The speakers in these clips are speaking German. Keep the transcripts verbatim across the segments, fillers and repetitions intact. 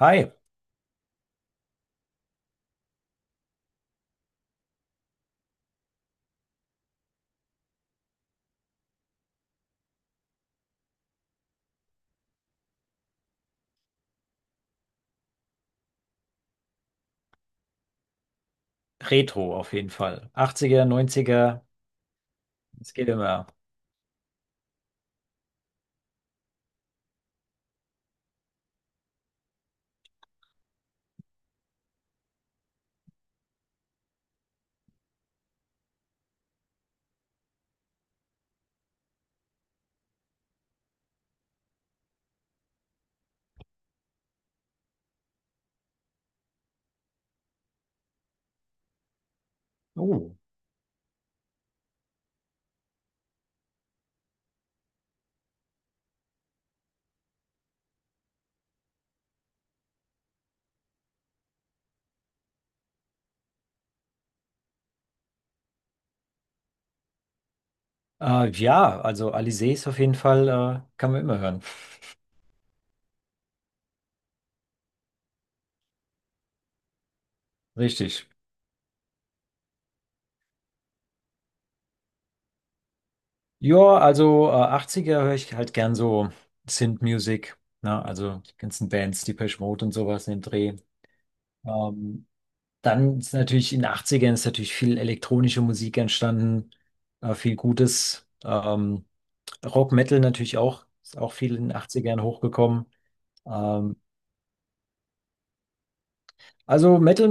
Hi, Retro auf jeden Fall. achtziger, neunziger, es geht immer. Oh. Äh, ja, also Alizés auf jeden Fall äh, kann man immer hören. Richtig. Ja, also äh, achtziger höre ich halt gern so Synth-Music, ne? Also die ganzen Bands, Depeche Mode und sowas in dem Dreh. Ähm, dann ist natürlich in den achtzigern ist natürlich viel elektronische Musik entstanden, äh, viel Gutes. Ähm, Rock Metal natürlich auch, ist auch viel in den achtzigern hochgekommen. Ähm, Also Metal,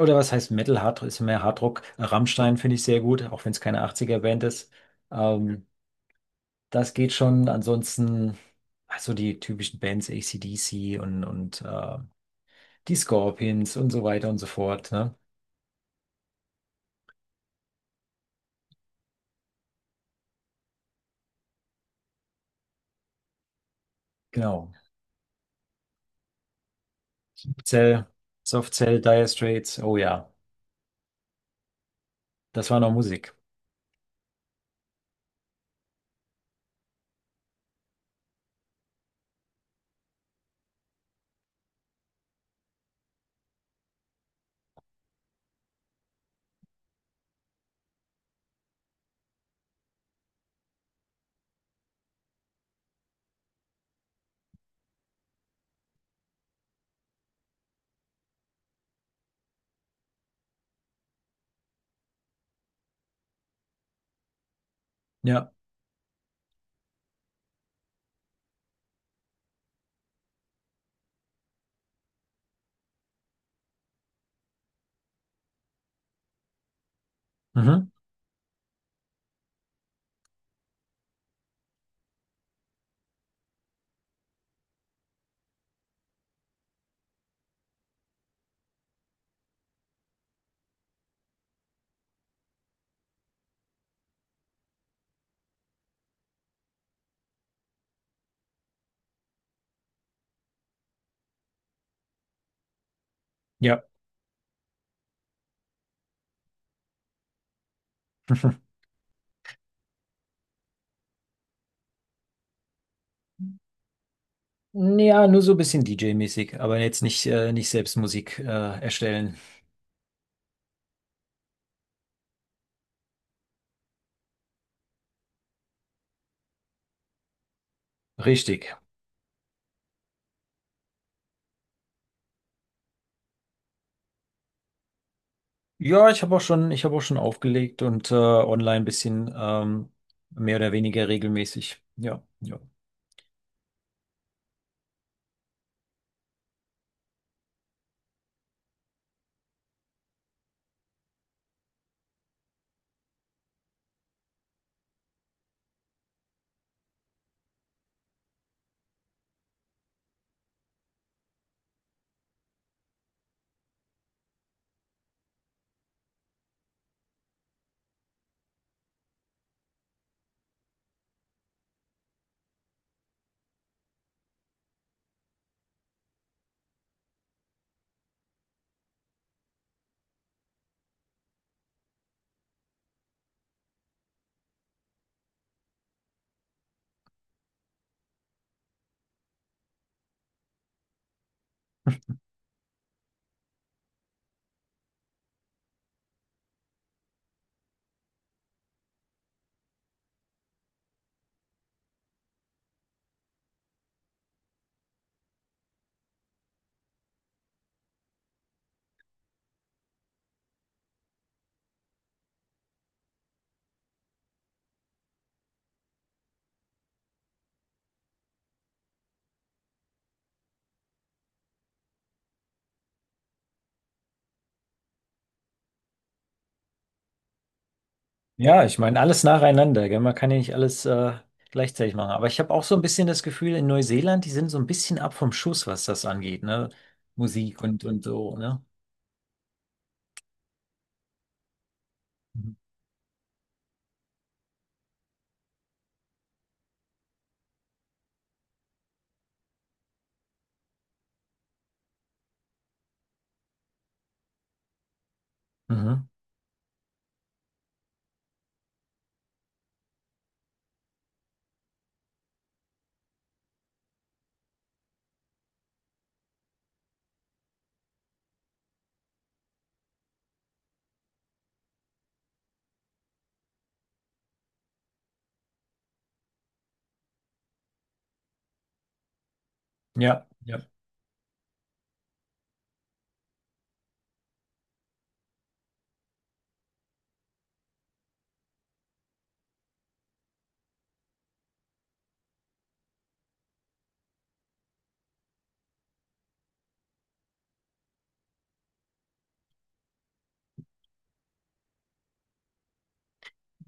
oder was heißt Metal, Hard, ist mehr Hardrock. Rammstein finde ich sehr gut, auch wenn es keine achtziger-Band ist. Ähm, das geht schon. Ansonsten, also die typischen Bands, A C/D C und, und äh, die Scorpions und so weiter und so fort. Ne? Genau. Cell, Soft Cell, Dire Straits, oh ja, das war noch Musik. Ja, mhm. Ja. Ja, nur so ein bisschen D J-mäßig, aber jetzt nicht, äh, nicht selbst Musik äh, erstellen. Richtig. Ja, ich habe auch schon, ich habe auch schon aufgelegt und äh, online ein bisschen ähm, mehr oder weniger regelmäßig. Ja, ja. Ja, ich meine, alles nacheinander, gell? Man kann ja nicht alles äh, gleichzeitig machen. Aber ich habe auch so ein bisschen das Gefühl, in Neuseeland, die sind so ein bisschen ab vom Schuss, was das angeht, ne? Musik und, und so, ne? Mhm. Mhm. Ja. ja.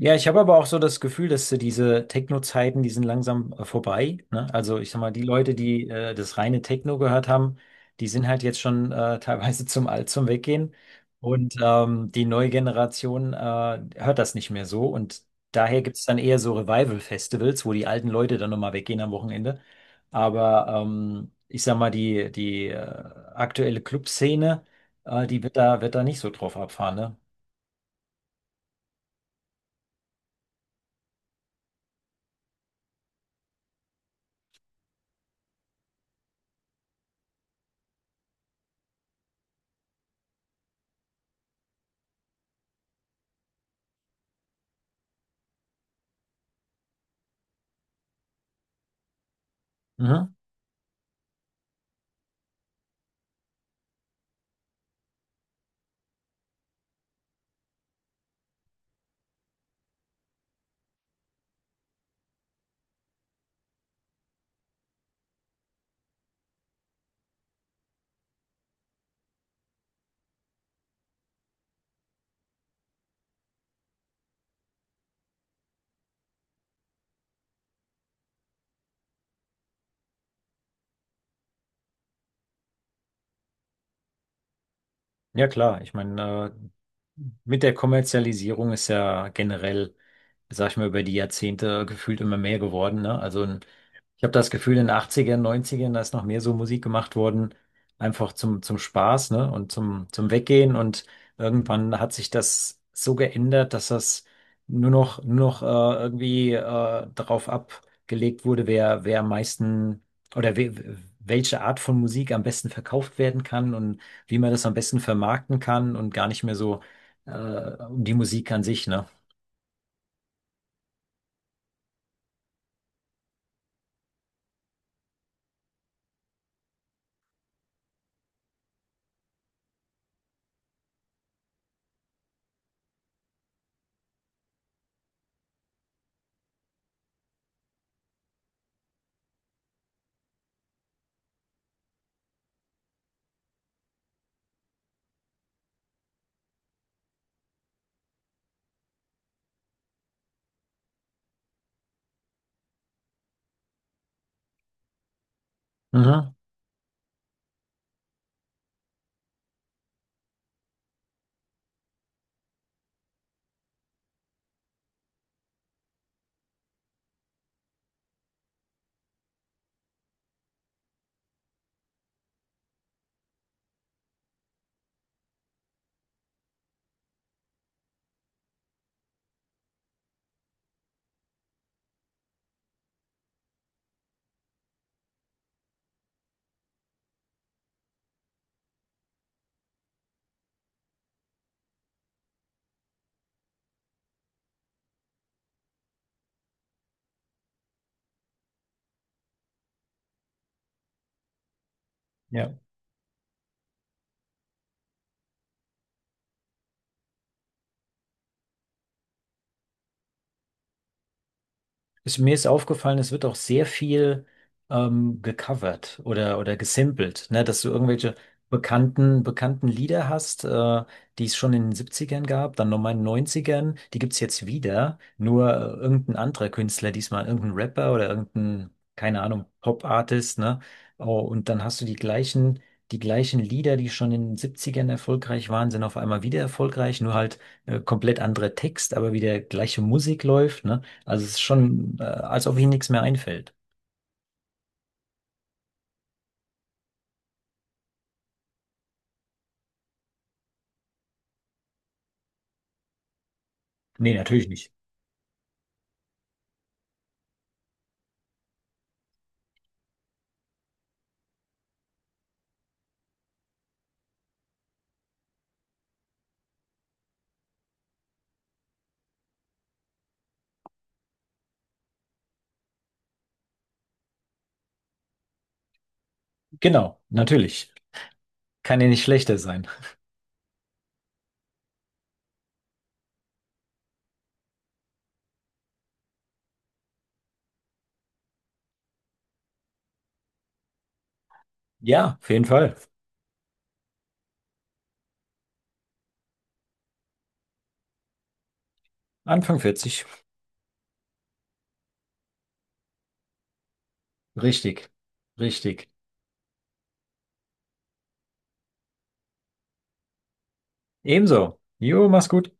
Ja, ich habe aber auch so das Gefühl, dass äh, diese Techno-Zeiten, die sind langsam äh, vorbei, ne? Also ich sag mal, die Leute, die äh, das reine Techno gehört haben, die sind halt jetzt schon äh, teilweise zum Alt zum Weggehen. Und ähm, die neue Generation äh, hört das nicht mehr so. Und daher gibt es dann eher so Revival-Festivals, wo die alten Leute dann nochmal weggehen am Wochenende. Aber ähm, ich sag mal, die, die äh, aktuelle Clubszene, äh, die wird da, wird da nicht so drauf abfahren, ne? Mhm. Ja, klar. Ich meine, mit der Kommerzialisierung ist ja generell, sag ich mal, über die Jahrzehnte gefühlt immer mehr geworden, ne? Also ein ich habe das Gefühl, in den Achtzigern, Neunzigern, da ist noch mehr so Musik gemacht worden, einfach zum, zum Spaß, ne? Und zum, zum Weggehen. Und irgendwann hat sich das so geändert, dass das nur noch, nur noch äh, irgendwie äh, darauf abgelegt wurde, wer, wer am meisten oder we, welche Art von Musik am besten verkauft werden kann und wie man das am besten vermarkten kann und gar nicht mehr so äh, um die Musik an sich, ne? Mhm. Ja. Es, mir ist aufgefallen, es wird auch sehr viel ähm, gecovert oder, oder gesampelt, ne? Dass du irgendwelche bekannten, bekannten Lieder hast, äh, die es schon in den Siebzigern gab, dann nochmal in den Neunzigern, die gibt's jetzt wieder, nur äh, irgendein anderer Künstler, diesmal irgendein Rapper oder irgendein, keine Ahnung, Pop-Artist, ne? Oh, und dann hast du die gleichen, die gleichen Lieder, die schon in den Siebzigern erfolgreich waren, sind auf einmal wieder erfolgreich, nur halt äh, komplett anderer Text, aber wieder gleiche Musik läuft, ne? Also es ist schon, äh, als ob ihm nichts mehr einfällt. Nee, natürlich nicht. Genau, natürlich. Kann ja nicht schlechter sein. Ja, auf jeden Fall. Anfang vierzig. Richtig, richtig. Ebenso. Jo, mach's gut.